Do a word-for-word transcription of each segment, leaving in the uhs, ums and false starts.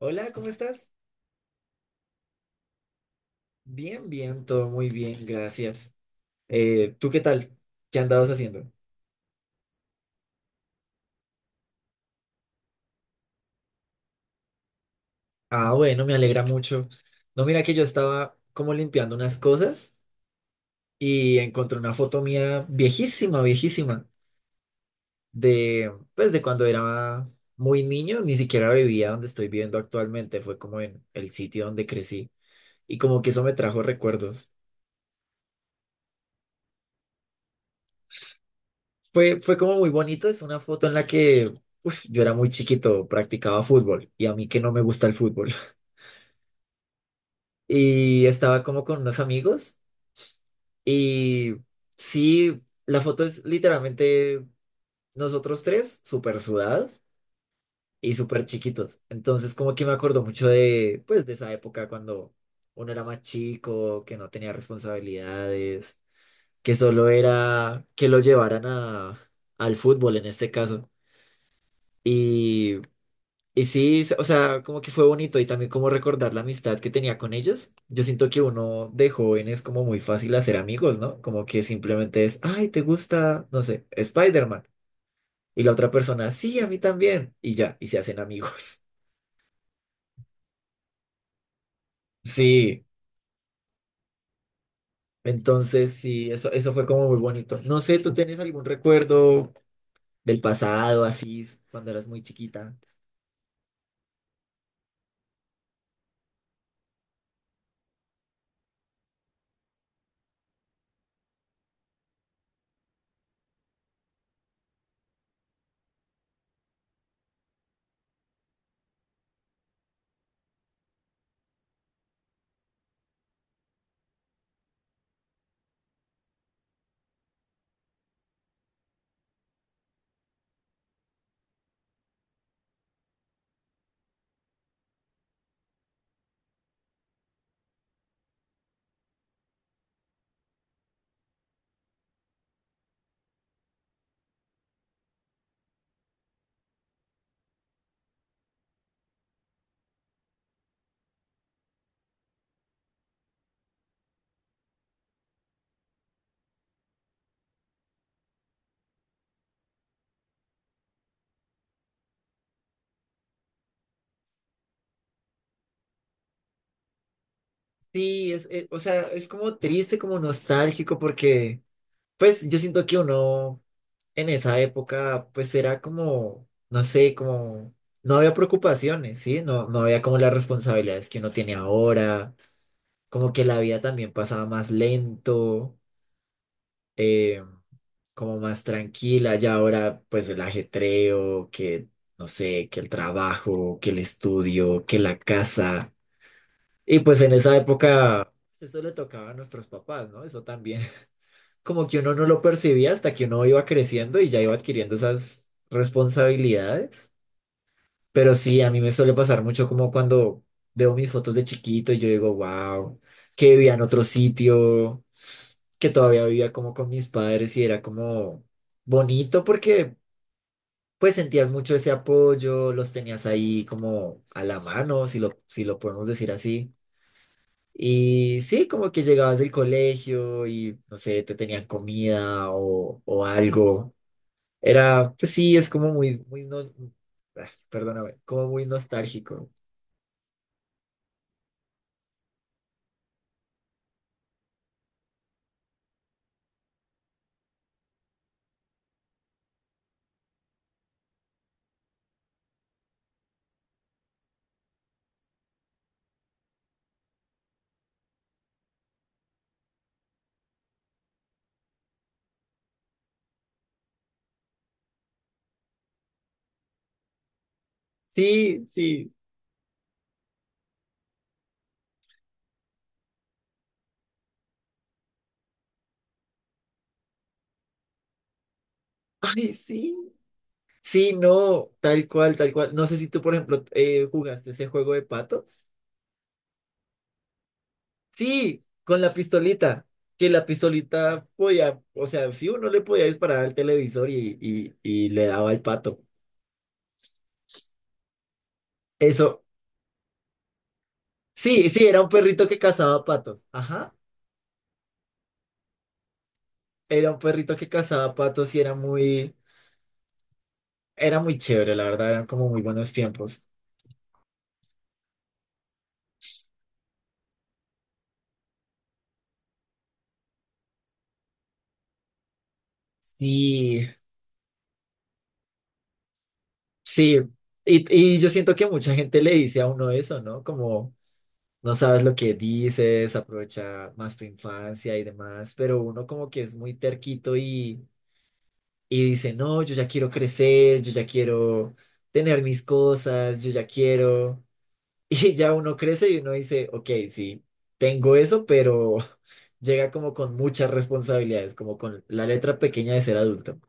Hola, ¿cómo estás? Bien, bien, todo muy bien, gracias. Eh, ¿tú qué tal? ¿Qué andabas haciendo? Ah, bueno, me alegra mucho. No, mira que yo estaba como limpiando unas cosas y encontré una foto mía viejísima, viejísima, de pues de cuando era muy niño, ni siquiera vivía donde estoy viviendo actualmente, fue como en el sitio donde crecí y como que eso me trajo recuerdos. Fue, fue como muy bonito, es una foto en la que uf, yo era muy chiquito, practicaba fútbol y a mí que no me gusta el fútbol. Y estaba como con unos amigos y sí, la foto es literalmente nosotros tres súper sudados y súper chiquitos. Entonces como que me acuerdo mucho de pues de esa época cuando uno era más chico, que no tenía responsabilidades, que solo era que lo llevaran a, al fútbol en este caso. Y y sí, s- o sea, como que fue bonito y también como recordar la amistad que tenía con ellos. Yo siento que uno de joven es como muy fácil hacer amigos, ¿no? Como que simplemente es, ay, ¿te gusta, no sé, Spider-Man? Y la otra persona, sí, a mí también. Y ya, y se hacen amigos. Sí, entonces sí, eso, eso fue como muy bonito. No sé, ¿tú tienes algún recuerdo del pasado, así, cuando eras muy chiquita? Sí, es, eh, o sea, es como triste, como nostálgico, porque, pues, yo siento que uno en esa época, pues era como, no sé, como, no había preocupaciones, ¿sí? No, no había como las responsabilidades que uno tiene ahora, como que la vida también pasaba más lento, eh, como más tranquila, ya ahora pues el ajetreo, que, no sé, que el trabajo, que el estudio, que la casa, y pues en esa época pues, eso le tocaba a nuestros papás, ¿no? Eso también. Como que uno no lo percibía hasta que uno iba creciendo y ya iba adquiriendo esas responsabilidades. Pero sí, a mí me suele pasar mucho como cuando veo mis fotos de chiquito y yo digo, wow, que vivía en otro sitio, que todavía vivía como con mis padres y era como bonito porque pues sentías mucho ese apoyo, los tenías ahí como a la mano, si lo, si lo podemos decir así. Y sí, como que llegabas del colegio y, no sé, te tenían comida o, o algo. Era, pues sí, es como muy, muy, no ah, perdóname, como muy nostálgico. Sí, sí. Ay, sí. Sí, no, tal cual, tal cual. No sé si tú, por ejemplo, eh, jugaste ese juego de patos. Sí, con la pistolita. Que la pistolita podía, o sea, sí, uno le podía disparar al televisor y, y, y le daba al pato. Eso, sí, sí, era un perrito que cazaba patos. Ajá. Era un perrito que cazaba patos y era muy, era muy chévere, la verdad, eran como muy buenos tiempos. Sí, sí. Y, y yo siento que mucha gente le dice a uno eso, ¿no? Como no sabes lo que dices, aprovecha más tu infancia y demás, pero uno como que es muy terquito y, y dice, no, yo ya quiero crecer, yo ya quiero tener mis cosas, yo ya quiero. Y ya uno crece y uno dice, ok, sí, tengo eso, pero llega como con muchas responsabilidades, como con la letra pequeña de ser adulto.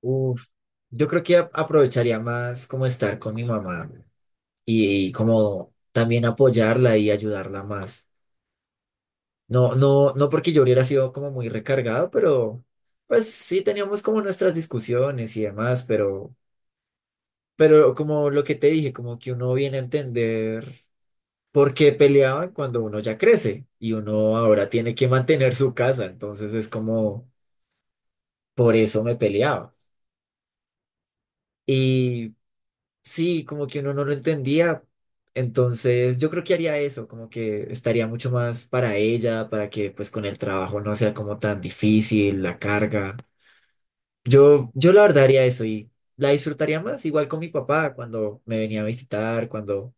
Uf, yo creo que a- aprovecharía más como estar con mi mamá y, como también apoyarla y ayudarla más. No, no, no porque yo hubiera sido como muy recargado, pero pues sí teníamos como nuestras discusiones y demás, pero, pero como lo que te dije, como que uno viene a entender. Porque peleaban cuando uno ya crece y uno ahora tiene que mantener su casa, entonces es como, por eso me peleaba. Y sí, como que uno no lo entendía, entonces yo creo que haría eso, como que estaría mucho más para ella, para que pues con el trabajo no sea como tan difícil la carga. Yo, yo la verdad haría eso y la disfrutaría más, igual con mi papá cuando me venía a visitar, cuando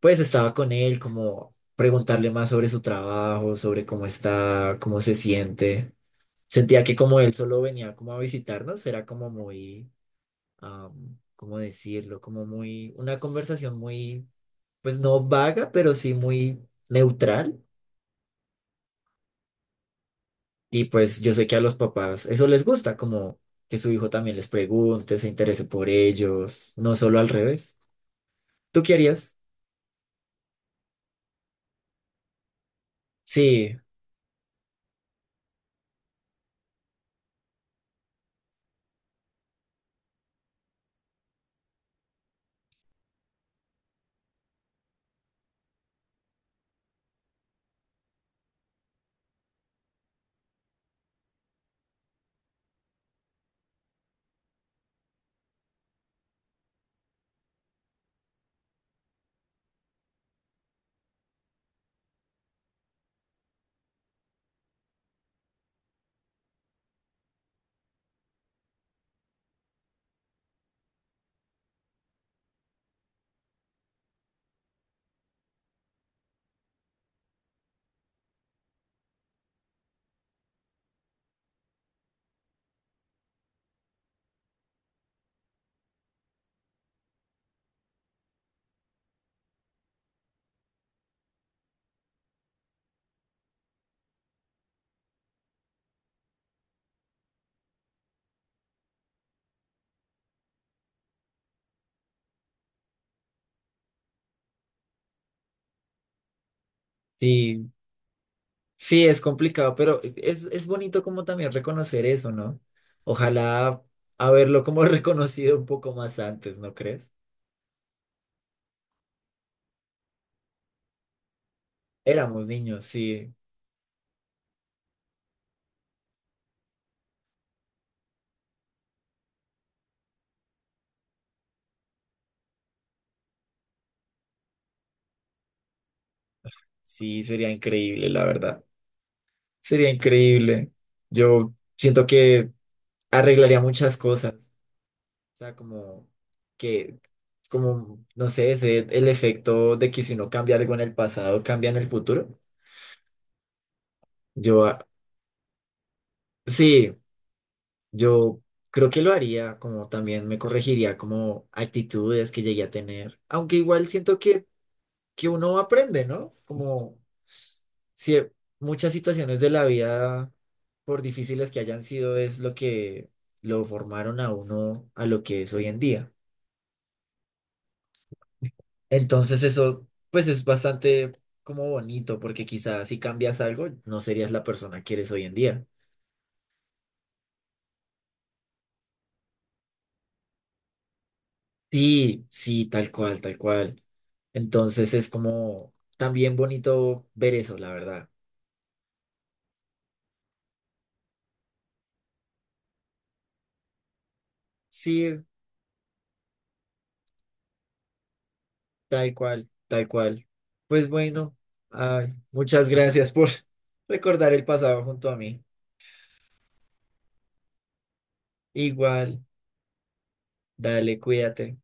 pues estaba con él, como preguntarle más sobre su trabajo, sobre cómo está, cómo se siente. Sentía que como él solo venía como a visitarnos, era como muy, am, ¿cómo decirlo? Como muy, una conversación muy, pues no vaga, pero sí muy neutral. Y pues yo sé que a los papás eso les gusta, como que su hijo también les pregunte, se interese por ellos, no solo al revés. ¿Tú querías? Sí, sí, sí, es complicado, pero es, es bonito como también reconocer eso, ¿no? Ojalá haberlo como reconocido un poco más antes, ¿no crees? Éramos niños, sí, sí, sería increíble, la verdad. Sería increíble. Yo siento que arreglaría muchas cosas. O sea, como que, como, no sé, ese, el efecto de que si uno cambia algo en el pasado, cambia en el futuro. Yo, ah, sí. Yo creo que lo haría, como también me corregiría como actitudes que llegué a tener, aunque igual siento que, que uno aprende, ¿no? Como si e, muchas situaciones de la vida, por difíciles que hayan sido, es lo que lo formaron a uno a lo que es hoy en día. Entonces eso, pues es bastante como bonito, porque quizás si cambias algo, no serías la persona que eres hoy en día. Sí, sí, tal cual, tal cual. Entonces es como también bonito ver eso, la verdad. Sí, tal cual, tal cual. Pues bueno, ay, muchas gracias por recordar el pasado junto a mí. Igual, dale, cuídate.